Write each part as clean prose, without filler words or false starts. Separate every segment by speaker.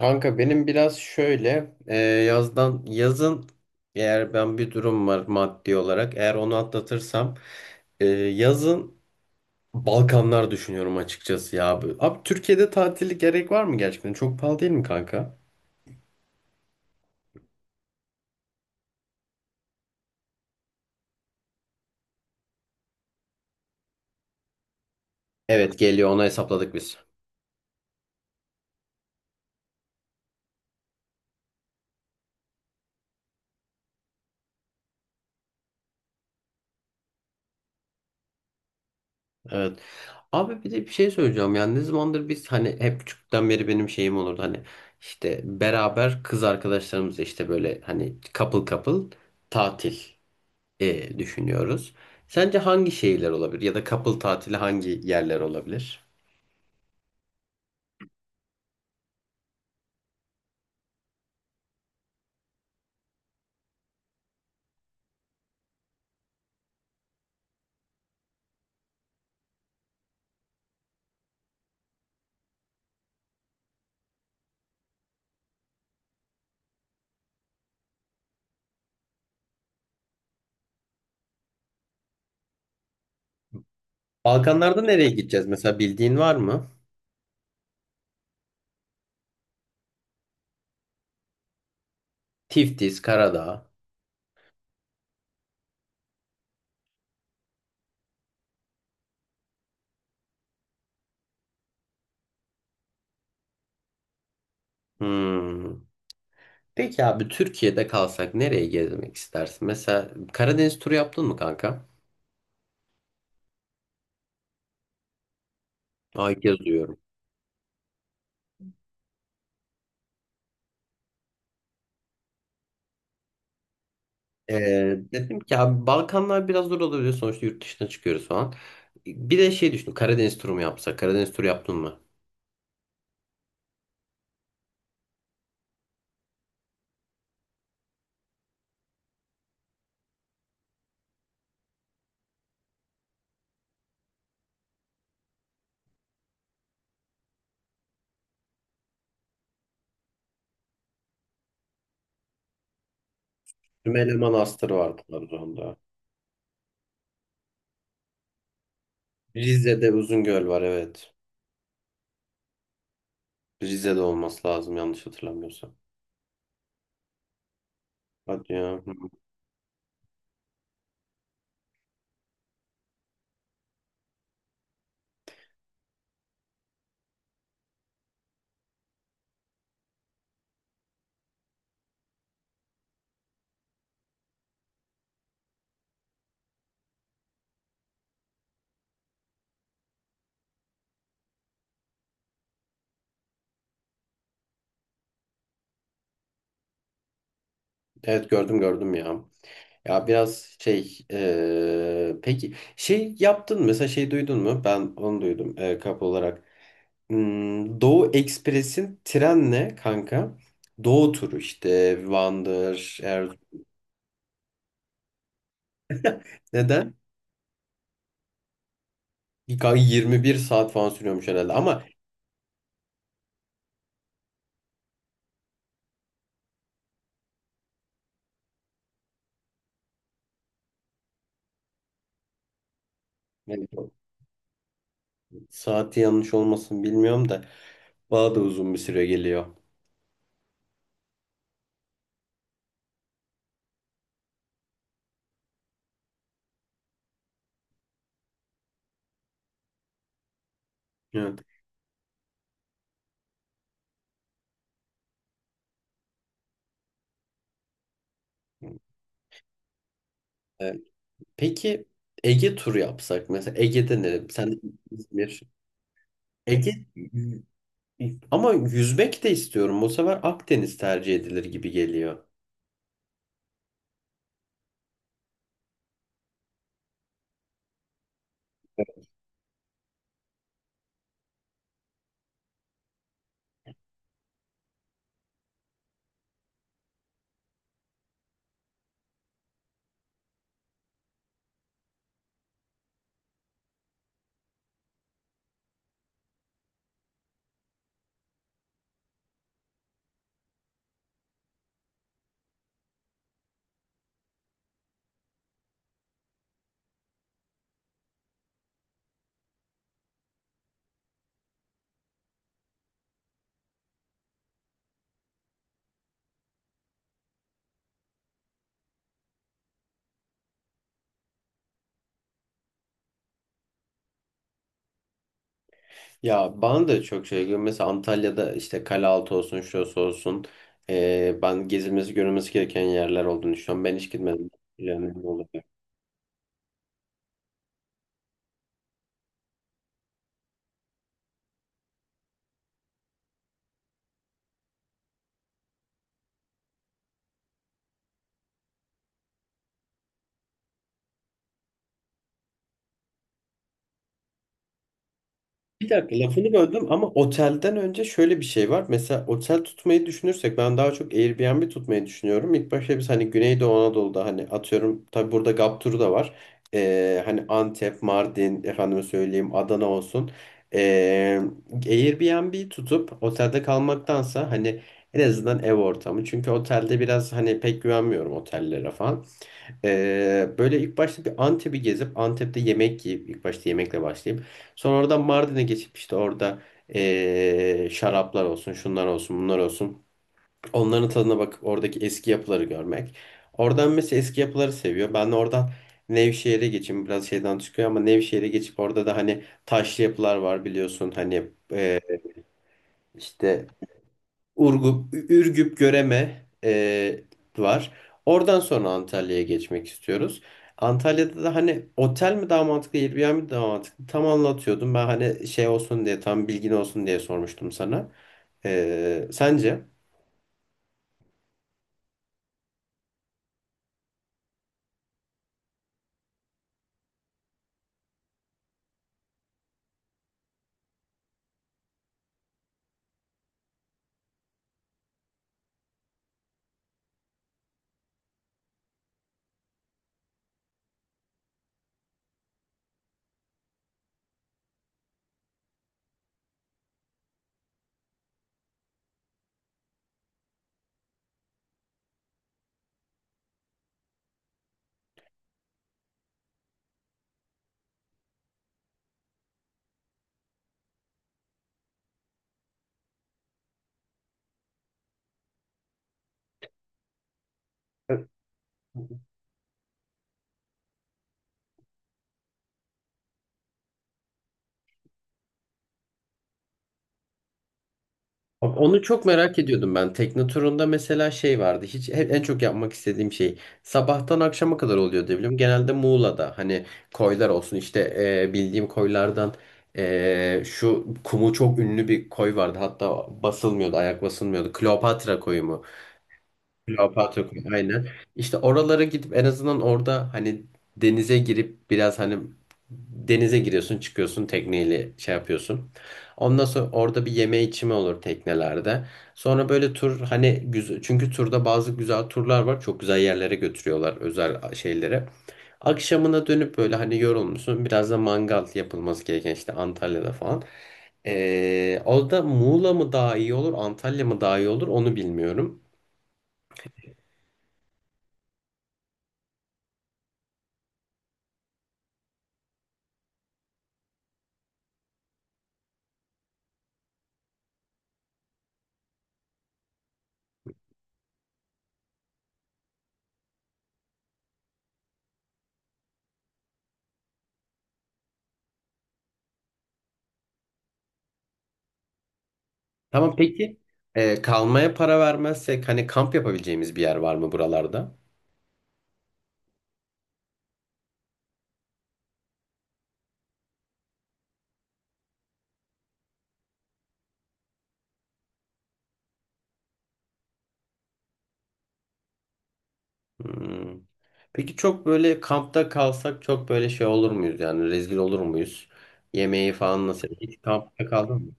Speaker 1: Kanka benim biraz şöyle yazdan yazın eğer ben bir durum var maddi olarak eğer onu atlatırsam, yazın Balkanlar düşünüyorum açıkçası ya abi. Abi Türkiye'de tatili gerek var mı gerçekten? Çok pahalı değil mi kanka? Evet, geliyor, onu hesapladık biz. Evet. Abi bir de bir şey söyleyeceğim, yani ne zamandır biz hani hep küçükten beri benim şeyim olurdu hani işte beraber kız arkadaşlarımızla işte böyle hani couple couple tatil düşünüyoruz. Sence hangi şehirler olabilir ya da couple tatili hangi yerler olabilir? Balkanlarda nereye gideceğiz mesela, bildiğin var mı? Tiftis, Karadağ. Hmm. Peki abi, Türkiye'de kalsak nereye gezmek istersin? Mesela Karadeniz turu yaptın mı kanka? Ay, ilk kez duyuyorum. Dedim ki abi, Balkanlar biraz zor olabilir, sonuçta yurt dışına çıkıyoruz falan. Bir de şey düşündüm, Karadeniz turu mu yapsak? Karadeniz turu yaptın mı? Sümele Manastırı var Trabzon'da. Rize'de Uzungöl var, evet. Rize'de olması lazım yanlış hatırlamıyorsam. Hadi ya. Hı. Evet, gördüm gördüm ya. Ya biraz şey peki şey yaptın mı? Mesela şey duydun mu? Ben onu duydum kap olarak. Hmm, Doğu Ekspres'in trenle kanka Doğu turu işte Van'dır Er, neden? Bir kanka 21 saat falan sürüyormuş herhalde ama yani saati yanlış olmasın, bilmiyorum da bana da uzun bir süre geliyor. Evet. Peki Ege turu yapsak mesela, Ege'de ne? Sen İzmir. Ege, ama yüzmek de istiyorum. Bu sefer Akdeniz tercih edilir gibi geliyor. Ya bana da çok şey geliyor. Mesela Antalya'da işte Kalealtı olsun, şurası olsun. Ben gezilmesi görülmesi gereken yerler olduğunu düşünüyorum. Ben hiç gitmedim. Yani, bir dakika lafını böldüm ama otelden önce şöyle bir şey var. Mesela otel tutmayı düşünürsek ben daha çok Airbnb tutmayı düşünüyorum. İlk başta biz hani Güneydoğu Anadolu'da hani atıyorum, tabii burada Gap turu da var. Hani Antep, Mardin, efendime söyleyeyim Adana olsun. Ee, Airbnb tutup otelde kalmaktansa hani en azından ev ortamı. Çünkü otelde biraz hani pek güvenmiyorum otellere falan. Böyle ilk başta bir Antep'i gezip Antep'te yemek yiyip ilk başta yemekle başlayıp sonra oradan Mardin'e geçip işte orada, şaraplar olsun, şunlar olsun, bunlar olsun. Onların tadına bakıp oradaki eski yapıları görmek. Oradan mesela eski yapıları seviyor. Ben de oradan Nevşehir'e geçeyim. Biraz şeyden çıkıyor ama Nevşehir'e geçip orada da hani taşlı yapılar var biliyorsun. Hani işte Urgup, Ürgüp, Göreme var. Oradan sonra Antalya'ya geçmek istiyoruz. Antalya'da da hani otel mi daha mantıklı, Airbnb mi daha mantıklı? Tam anlatıyordum. Ben hani şey olsun diye, tam bilgin olsun diye sormuştum sana. E, sence? Abi, onu çok merak ediyordum ben. Tekne turunda mesela şey vardı. Hiç en çok yapmak istediğim şey sabahtan akşama kadar oluyor diye biliyorum. Genelde Muğla'da hani koylar olsun, işte bildiğim koylardan, şu kumu çok ünlü bir koy vardı. Hatta basılmıyordu, ayak basılmıyordu. Kleopatra koyu mu? Kleopatra Kulesi, aynen. İşte oralara gidip en azından orada hani denize girip biraz hani denize giriyorsun çıkıyorsun tekneyle şey yapıyorsun. Ondan sonra orada bir yeme içme olur teknelerde. Sonra böyle tur hani güzel, çünkü turda bazı güzel turlar var. Çok güzel yerlere götürüyorlar, özel şeylere. Akşamına dönüp böyle hani yorulmuşsun. Biraz da mangal yapılması gereken, işte Antalya'da falan. Orada Muğla mı daha iyi olur, Antalya mı daha iyi olur onu bilmiyorum. Tamam peki, kalmaya para vermezsek hani kamp yapabileceğimiz bir yer var mı buralarda? Hmm. Peki çok böyle kampta kalsak çok böyle şey olur muyuz, yani rezil olur muyuz? Yemeği falan nasıl? Hiç kampta kaldın mı?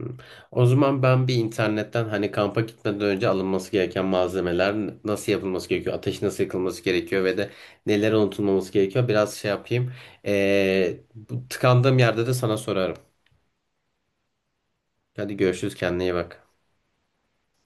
Speaker 1: Hı. O zaman ben bir internetten hani kampa gitmeden önce alınması gereken malzemeler nasıl yapılması gerekiyor, ateş nasıl yakılması gerekiyor ve de neler unutulmaması gerekiyor biraz şey yapayım. Bu tıkandığım yerde de sana sorarım. Hadi görüşürüz, kendine iyi bak.